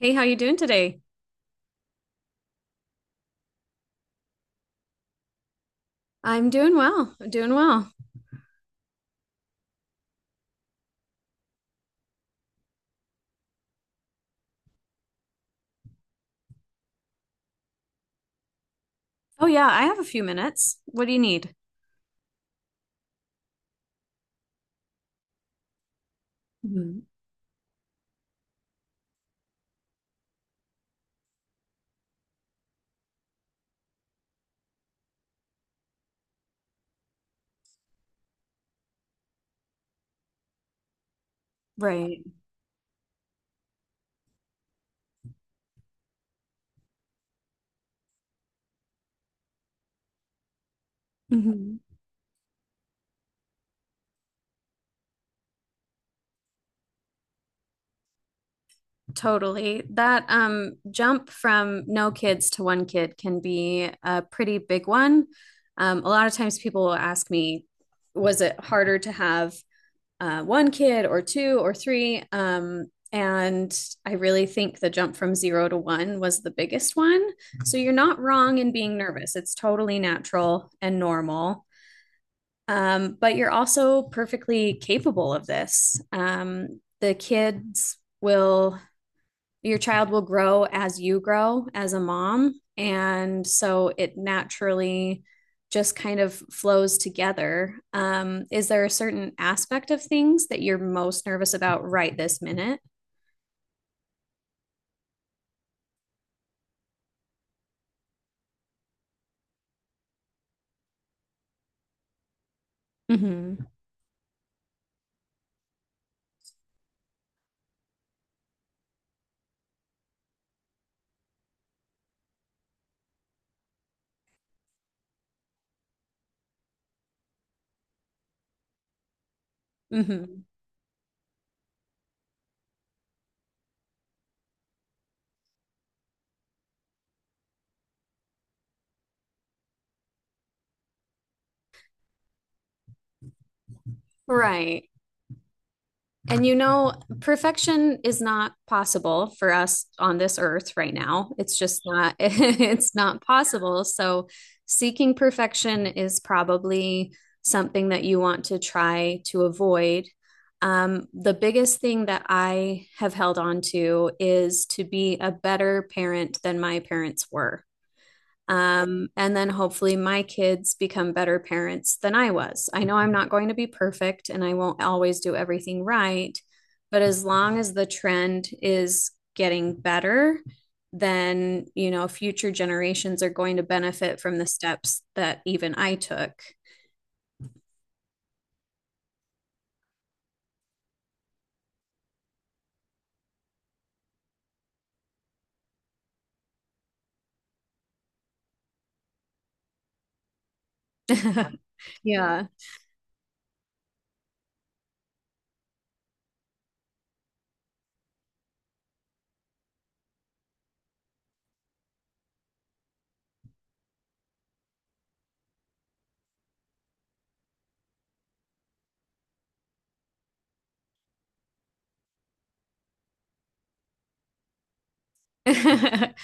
Hey, how you doing today? I'm doing well. I'm doing well. Oh yeah, I have a few minutes. What do you need? Mhm. Right. Hmm. Totally. That jump from no kids to one kid can be a pretty big one. A lot of times people will ask me, was it harder to have one kid or two or three? And I really think the jump from zero to one was the biggest one. So you're not wrong in being nervous. It's totally natural and normal. But you're also perfectly capable of this. Your child will grow as you grow as a mom. And so it naturally just kind of flows together. Is there a certain aspect of things that you're most nervous about right this minute? Mm-hmm. Hmm. Right. And you know, perfection is not possible for us on this earth right now. It's just not, it's not possible. So, seeking perfection is probably something that you want to try to avoid. The biggest thing that I have held on to is to be a better parent than my parents were. And then hopefully my kids become better parents than I was. I know I'm not going to be perfect and I won't always do everything right, but as long as the trend is getting better, then, you know, future generations are going to benefit from the steps that even I took. Yeah.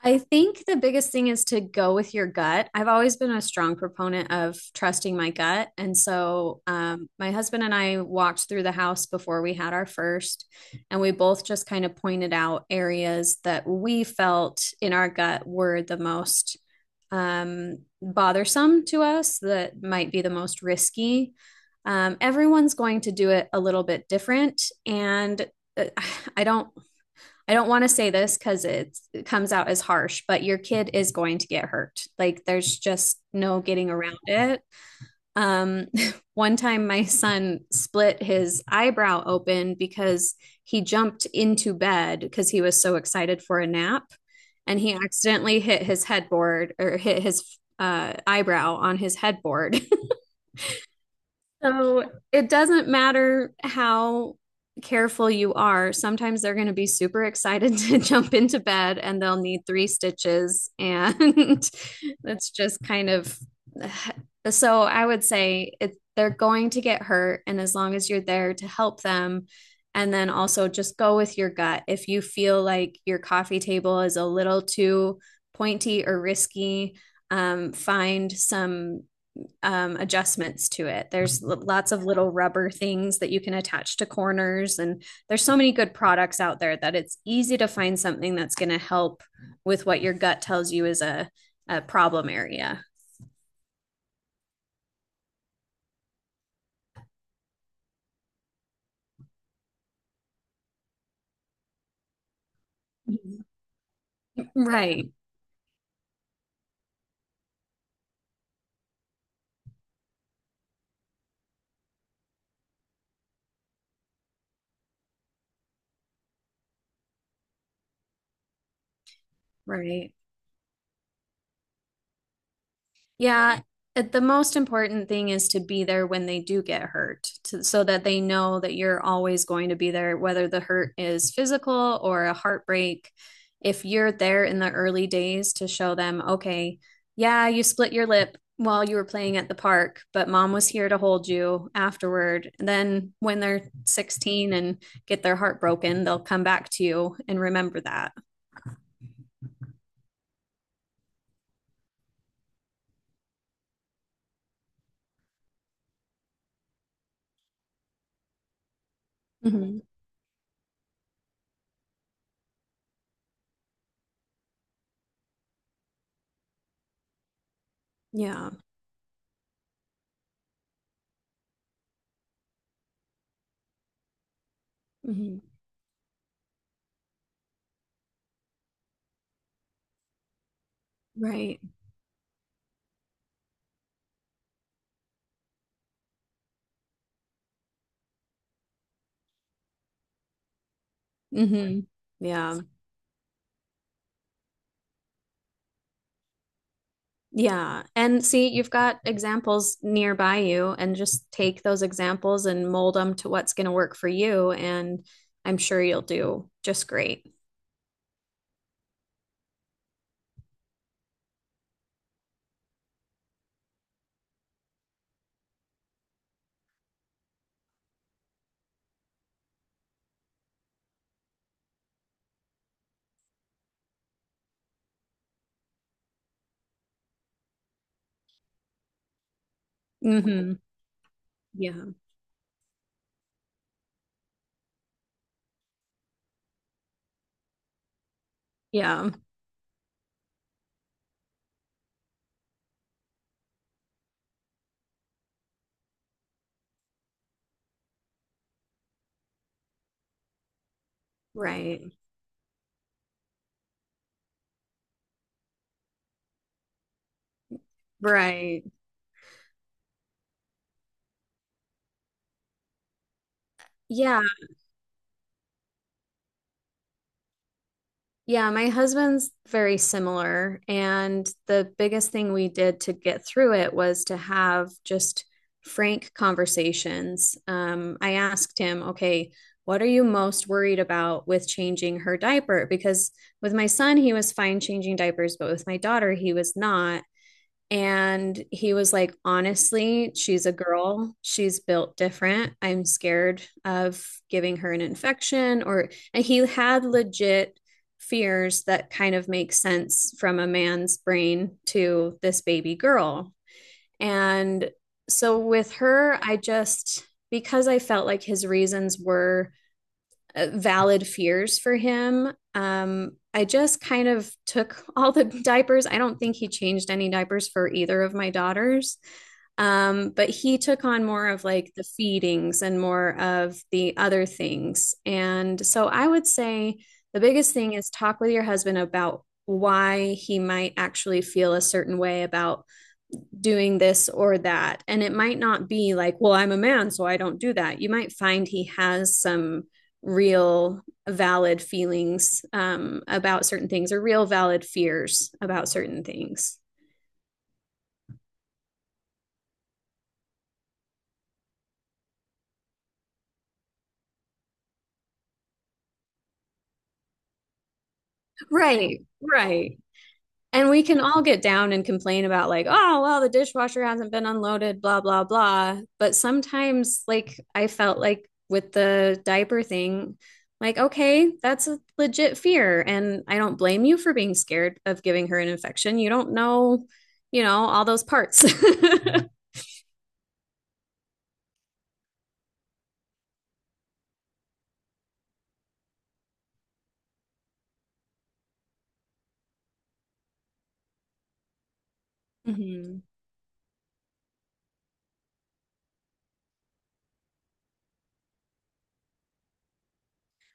I think the biggest thing is to go with your gut. I've always been a strong proponent of trusting my gut. And so my husband and I walked through the house before we had our first, and we both just kind of pointed out areas that we felt in our gut were the most bothersome to us, that might be the most risky. Everyone's going to do it a little bit different. And uh, I don't I don't want to say this because it comes out as harsh, but your kid is going to get hurt. Like there's just no getting around it. Um, one time my son split his eyebrow open because he jumped into bed because he was so excited for a nap and he accidentally hit his headboard or hit his eyebrow on his headboard. It doesn't matter how careful you are. Sometimes they're going to be super excited to jump into bed and they'll need three stitches. And that's just kind of so I would say it, they're going to get hurt. And as long as you're there to help them, and then also just go with your gut. If you feel like your coffee table is a little too pointy or risky, find some adjustments to it. There's lots of little rubber things that you can attach to corners, and there's so many good products out there that it's easy to find something that's going to help with what your gut tells you is a problem area. Mm-hmm. Right, right. Yeah, it, the most important thing is to be there when they do get hurt, to, so that they know that you're always going to be there, whether the hurt is physical or a heartbreak. If you're there in the early days to show them, okay, yeah, you split your lip while you were playing at the park, but mom was here to hold you afterward. And then when they're 16 and get their heart broken, they'll come back to you and remember that. Hmm. Yeah. Hmm. Right. Hmm. Yeah. Yeah. And see, you've got examples nearby you, and just take those examples and mold them to what's going to work for you. And I'm sure you'll do just great. Hmm. Yeah. Yeah. Right. Right. Yeah. Yeah, my husband's very similar. And the biggest thing we did to get through it was to have just frank conversations. I asked him, okay, what are you most worried about with changing her diaper? Because with my son, he was fine changing diapers, but with my daughter, he was not. And he was like, honestly, she's a girl. She's built different. I'm scared of giving her an infection or, and he had legit fears that kind of make sense from a man's brain to this baby girl. And so with her, I just, because I felt like his reasons were valid fears for him. I just kind of took all the diapers. I don't think he changed any diapers for either of my daughters. But he took on more of like the feedings and more of the other things. And so I would say the biggest thing is talk with your husband about why he might actually feel a certain way about doing this or that. And it might not be like, well, I'm a man, so I don't do that. You might find he has some real valid feelings about certain things or real valid fears about certain things. Right, right. And we can all get down and complain about, like, oh, well, the dishwasher hasn't been unloaded, blah, blah, blah. But sometimes, like, I felt like with the diaper thing, like, okay, that's a legit fear. And I don't blame you for being scared of giving her an infection. You don't know, you know, all those parts. Mhm.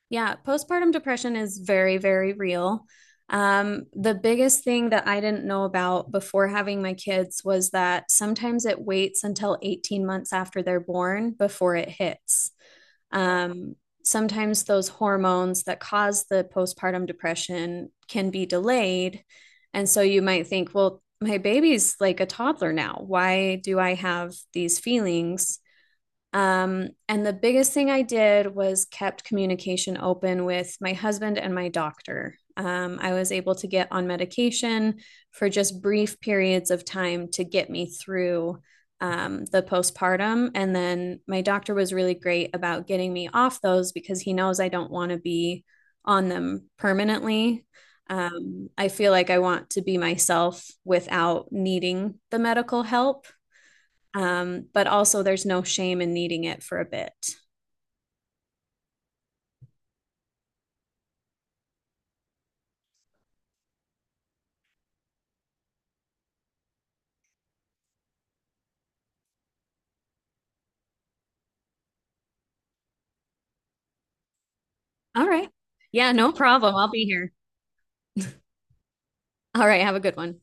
Yeah, postpartum depression is very, very real. The biggest thing that I didn't know about before having my kids was that sometimes it waits until 18 months after they're born before it hits. Um, sometimes those hormones that cause the postpartum depression can be delayed. And so you might think, well, my baby's like a toddler now. Why do I have these feelings? And the biggest thing I did was kept communication open with my husband and my doctor. I was able to get on medication for just brief periods of time to get me through the postpartum. And then my doctor was really great about getting me off those because he knows I don't want to be on them permanently. I feel like I want to be myself without needing the medical help. But also, there's no shame in needing it for a bit. All right. Yeah, no problem. I'll be here. All right. Have a good one.